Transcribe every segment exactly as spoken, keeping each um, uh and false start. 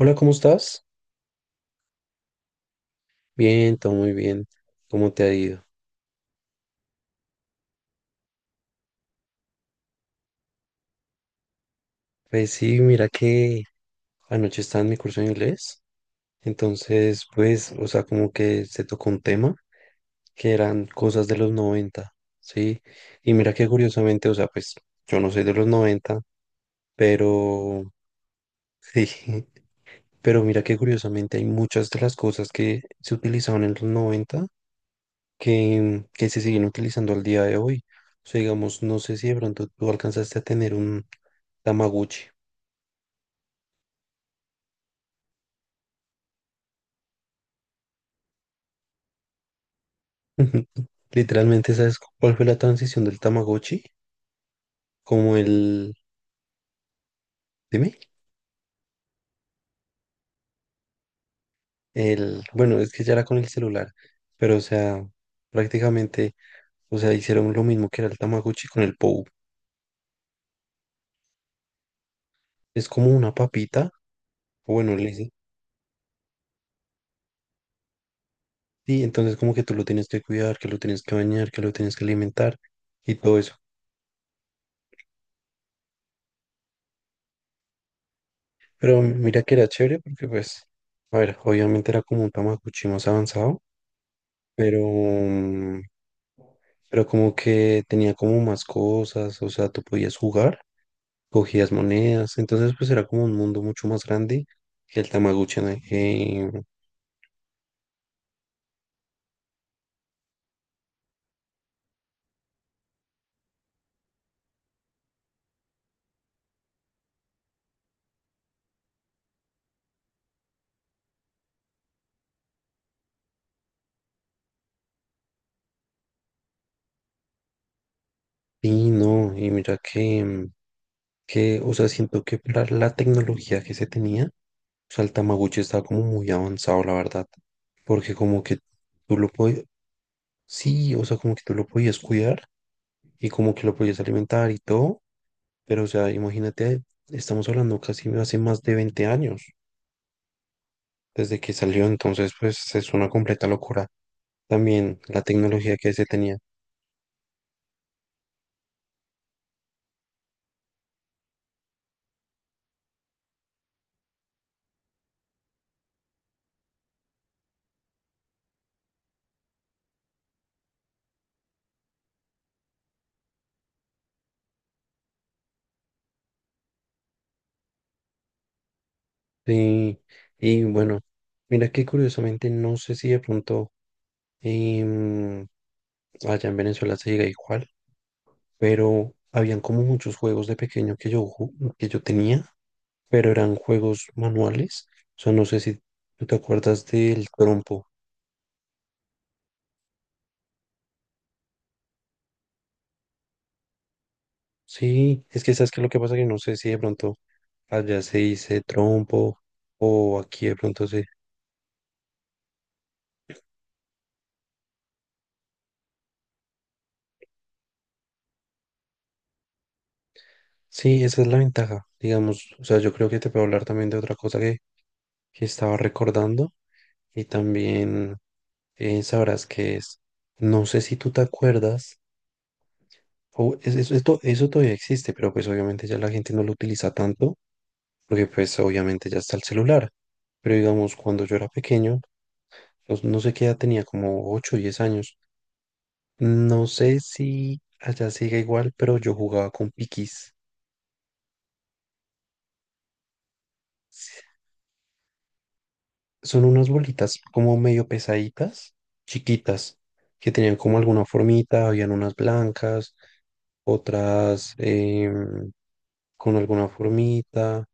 Hola, ¿cómo estás? Bien, todo muy bien. ¿Cómo te ha ido? Pues sí, mira que anoche estaba en mi curso de inglés, entonces pues, o sea, como que se tocó un tema que eran cosas de los noventa, ¿sí? Y mira que curiosamente, o sea, pues yo no soy de los noventa, pero sí, pero mira que curiosamente hay muchas de las cosas que se utilizaban en los noventa, que, que se siguen utilizando al día de hoy. O sea, digamos, no sé si de pronto tú alcanzaste a tener un Tamagotchi. Literalmente, ¿sabes cuál fue la transición del Tamagotchi? Como el, dime, el, bueno, es que ya era con el celular, pero o sea, prácticamente, o sea, hicieron lo mismo que era el Tamagotchi con el Pou. Es como una papita, o bueno, le dicen, sí, entonces como que tú lo tienes que cuidar, que lo tienes que bañar, que lo tienes que alimentar y todo eso. Pero mira que era chévere porque pues, a ver, obviamente era como un Tamaguchi más avanzado, pero, mm, pero como que tenía como más cosas, o sea, tú podías jugar, cogías monedas, entonces pues era como un mundo mucho más grande que el Tamaguchi, ¿no? Eh, y no, y mira que, mm, que, o sea, siento que para la tecnología que se tenía, o sea, el Tamaguchi estaba como muy avanzado, la verdad, porque como que tú lo podías... Sí, o sea, como que tú lo podías cuidar y como que lo podías alimentar y todo, pero o sea, imagínate, estamos hablando casi hace más de veinte años desde que salió, entonces pues es una completa locura también la tecnología que se tenía. Sí, y bueno, mira que curiosamente no sé si de pronto em, allá en Venezuela se llega igual, pero habían como muchos juegos de pequeño que yo, ju- que yo tenía, pero eran juegos manuales. O sea, no sé si tú te acuerdas del trompo. Sí, es que sabes que lo que pasa que no sé si de pronto allá se dice trompo o aquí de pronto se... Sí, esa es la ventaja, digamos. O sea, yo creo que te puedo hablar también de otra cosa que, que estaba recordando y también eh, sabrás que es. No sé si tú te acuerdas, o es- es- esto, eso todavía existe, pero pues obviamente ya la gente no lo utiliza tanto porque pues obviamente ya está el celular. Pero digamos, cuando yo era pequeño, pues, no sé qué edad tenía, como ocho o diez años. No sé si allá sigue igual, pero yo jugaba con piquis. Son unas bolitas como medio pesaditas, chiquitas, que tenían como alguna formita, habían unas blancas, otras em, con alguna formita,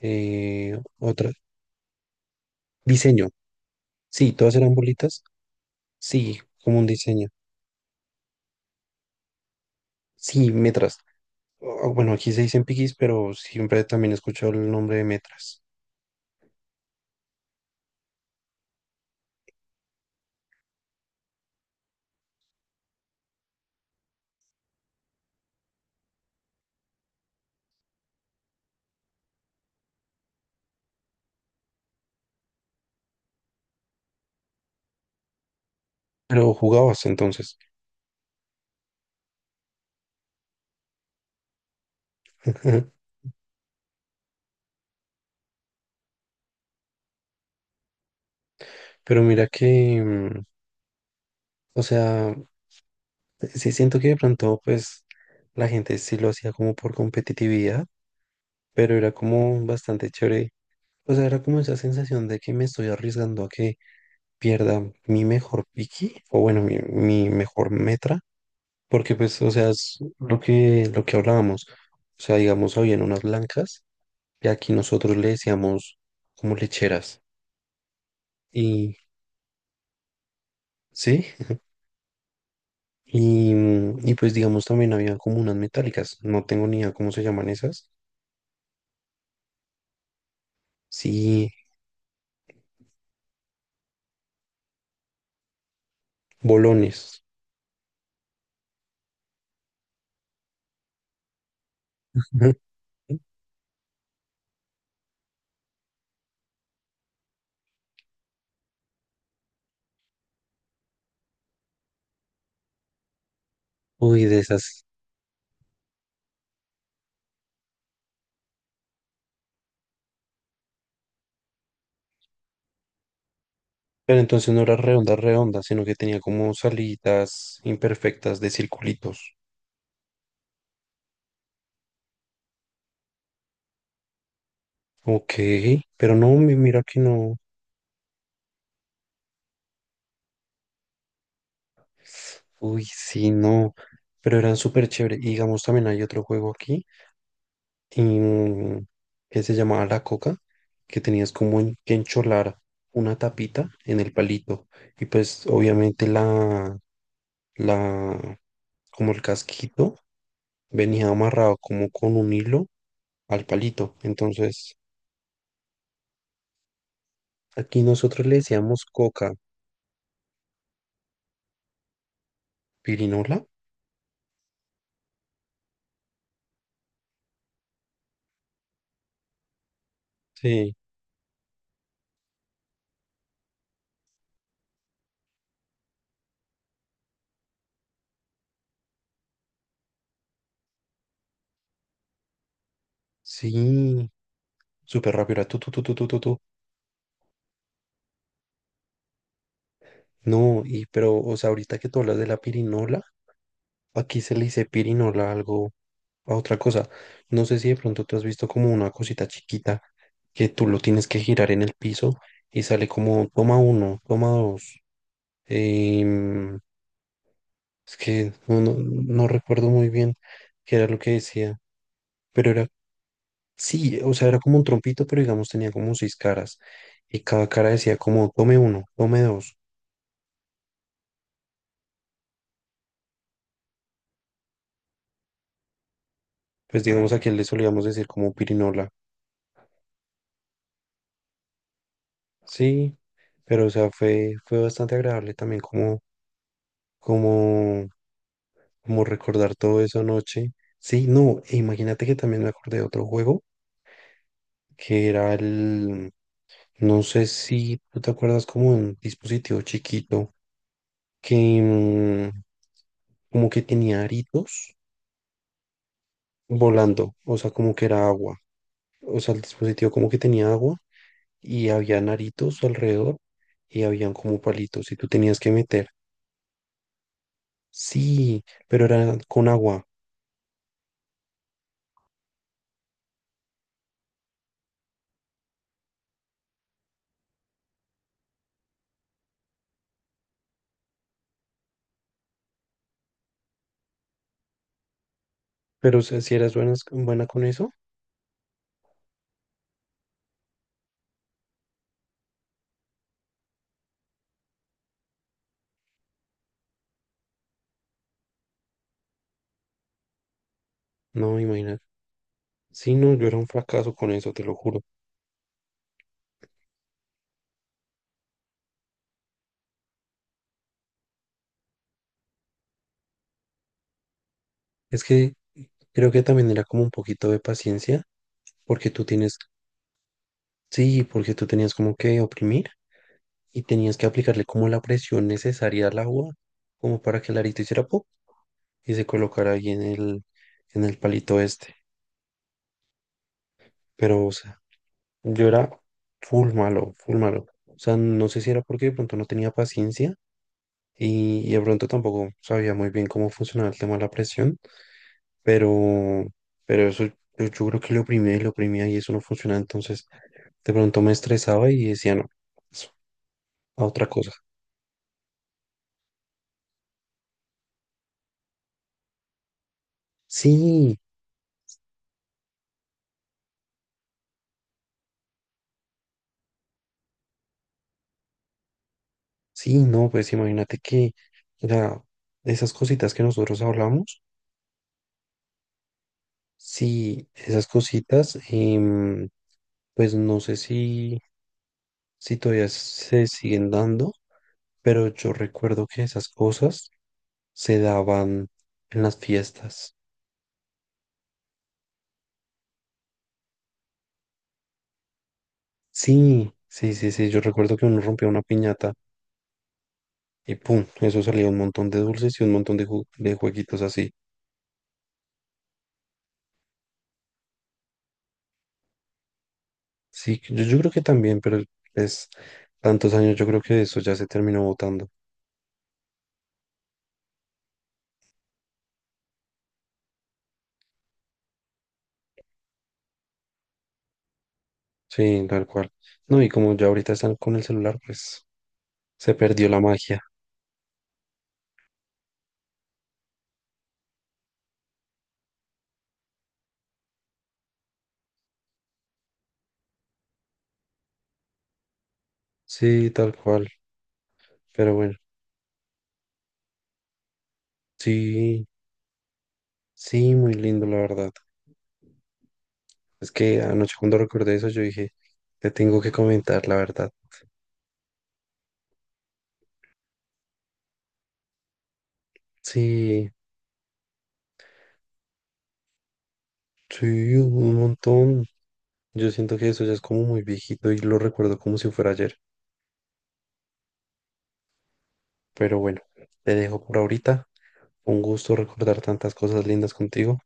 eh, otras... Diseño. Sí, todas eran bolitas. Sí, como un diseño. Sí, metras. O- bueno, aquí se dicen piquis, pero siempre también he escuchado el nombre de metras. Pero jugabas entonces. Pero mira que, mm, o sea, sí siento que de pronto, pues, la gente sí lo hacía como por competitividad, pero era como bastante chévere. O sea, era como esa sensación de que me estoy arriesgando a que pierda mi mejor piqui, o bueno, mi, mi mejor metra, porque pues, o sea, es lo que, lo que hablábamos. O sea, digamos, habían unas blancas que aquí nosotros le decíamos como lecheras. Y sí, y, mm, y pues digamos también había como unas metálicas, no tengo ni idea cómo se llaman esas. Sí, bolones. Uy, de esas. Pero entonces no era redonda, redonda, sino que tenía como salidas imperfectas de circulitos. Ok, pero no, mi- mira que no. Uy, sí, no. Pero eran súper chéveres. Y digamos, también hay otro juego aquí em, que se llamaba la coca, que tenías como en- que encholar una tapita en el palito. Y pues obviamente la, la, como el casquito venía amarrado como con un hilo al palito. Entonces, aquí nosotros le decíamos coca, pirinola. Sí, sí, súper rápido, era tu, tu, tu, tu, tu, tu, tu. No, y pero, o sea, ahorita que tú hablas de la pirinola. Aquí se le dice pirinola algo a otra cosa. No sé si de pronto tú has visto como una cosita chiquita que tú lo tienes que girar en el piso y sale como toma uno, toma dos. Em, es que no, no, no recuerdo muy bien qué era lo que decía, pero era, sí, o sea, era como un trompito, pero digamos tenía como seis caras y cada cara decía como tome uno, tome dos. Pues digamos aquí le solíamos decir como pirinola. Sí, pero o sea, fue, fue bastante agradable también como, como, como recordar todo eso anoche. Sí, no, e imagínate que también me acordé de otro juego que era el, no sé si tú te acuerdas como un dispositivo chiquito que mm, como que tenía aritos volando, o sea, como que era agua. O sea, el dispositivo como que tenía agua y había aritos alrededor y habían como palitos y tú tenías que meter... Sí, pero era con agua. Pero si, si eras buena, buena con eso, no, imagínate. Sí, no, yo era un fracaso con eso, te lo juro. Es que creo que también era como un poquito de paciencia, porque tú tienes, sí, porque tú tenías como que oprimir y tenías que aplicarle como la presión necesaria al agua, como para que el arito hiciera pop y se colocara ahí en el, en el palito este. Pero, o sea, yo era full malo, full malo. O sea, no sé si era porque de pronto no tenía paciencia y, y de pronto tampoco sabía muy bien cómo funcionaba el tema de la presión, pero, pero eso yo, yo creo que lo oprimía y lo oprimía y eso no funcionaba, entonces de pronto me estresaba y decía, no, es a otra cosa. Sí, sí, no, pues imagínate que, o sea, esas cositas que nosotros hablamos, sí, esas cositas, em, pues no sé si, si todavía se siguen dando, pero yo recuerdo que esas cosas se daban en las fiestas. Sí, sí, sí, sí. Yo recuerdo que uno rompía una piñata y pum, eso salía un montón de dulces y un montón de, ju- de jueguitos así. Sí, yo, yo creo que también, pero es tantos años, yo creo que eso ya se terminó votando. Sí, tal cual. No, y como ya ahorita están con el celular, pues se perdió la magia. Sí, tal cual. Pero bueno, sí, sí, muy lindo, la verdad. Es que anoche cuando recordé eso, yo dije, te tengo que comentar, la verdad. Sí, sí, un montón. Yo siento que eso ya es como muy viejito y lo recuerdo como si fuera ayer. Pero bueno, te dejo por ahorita. Un gusto recordar tantas cosas lindas contigo.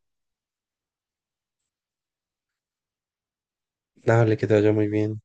Dale, que te vaya muy bien.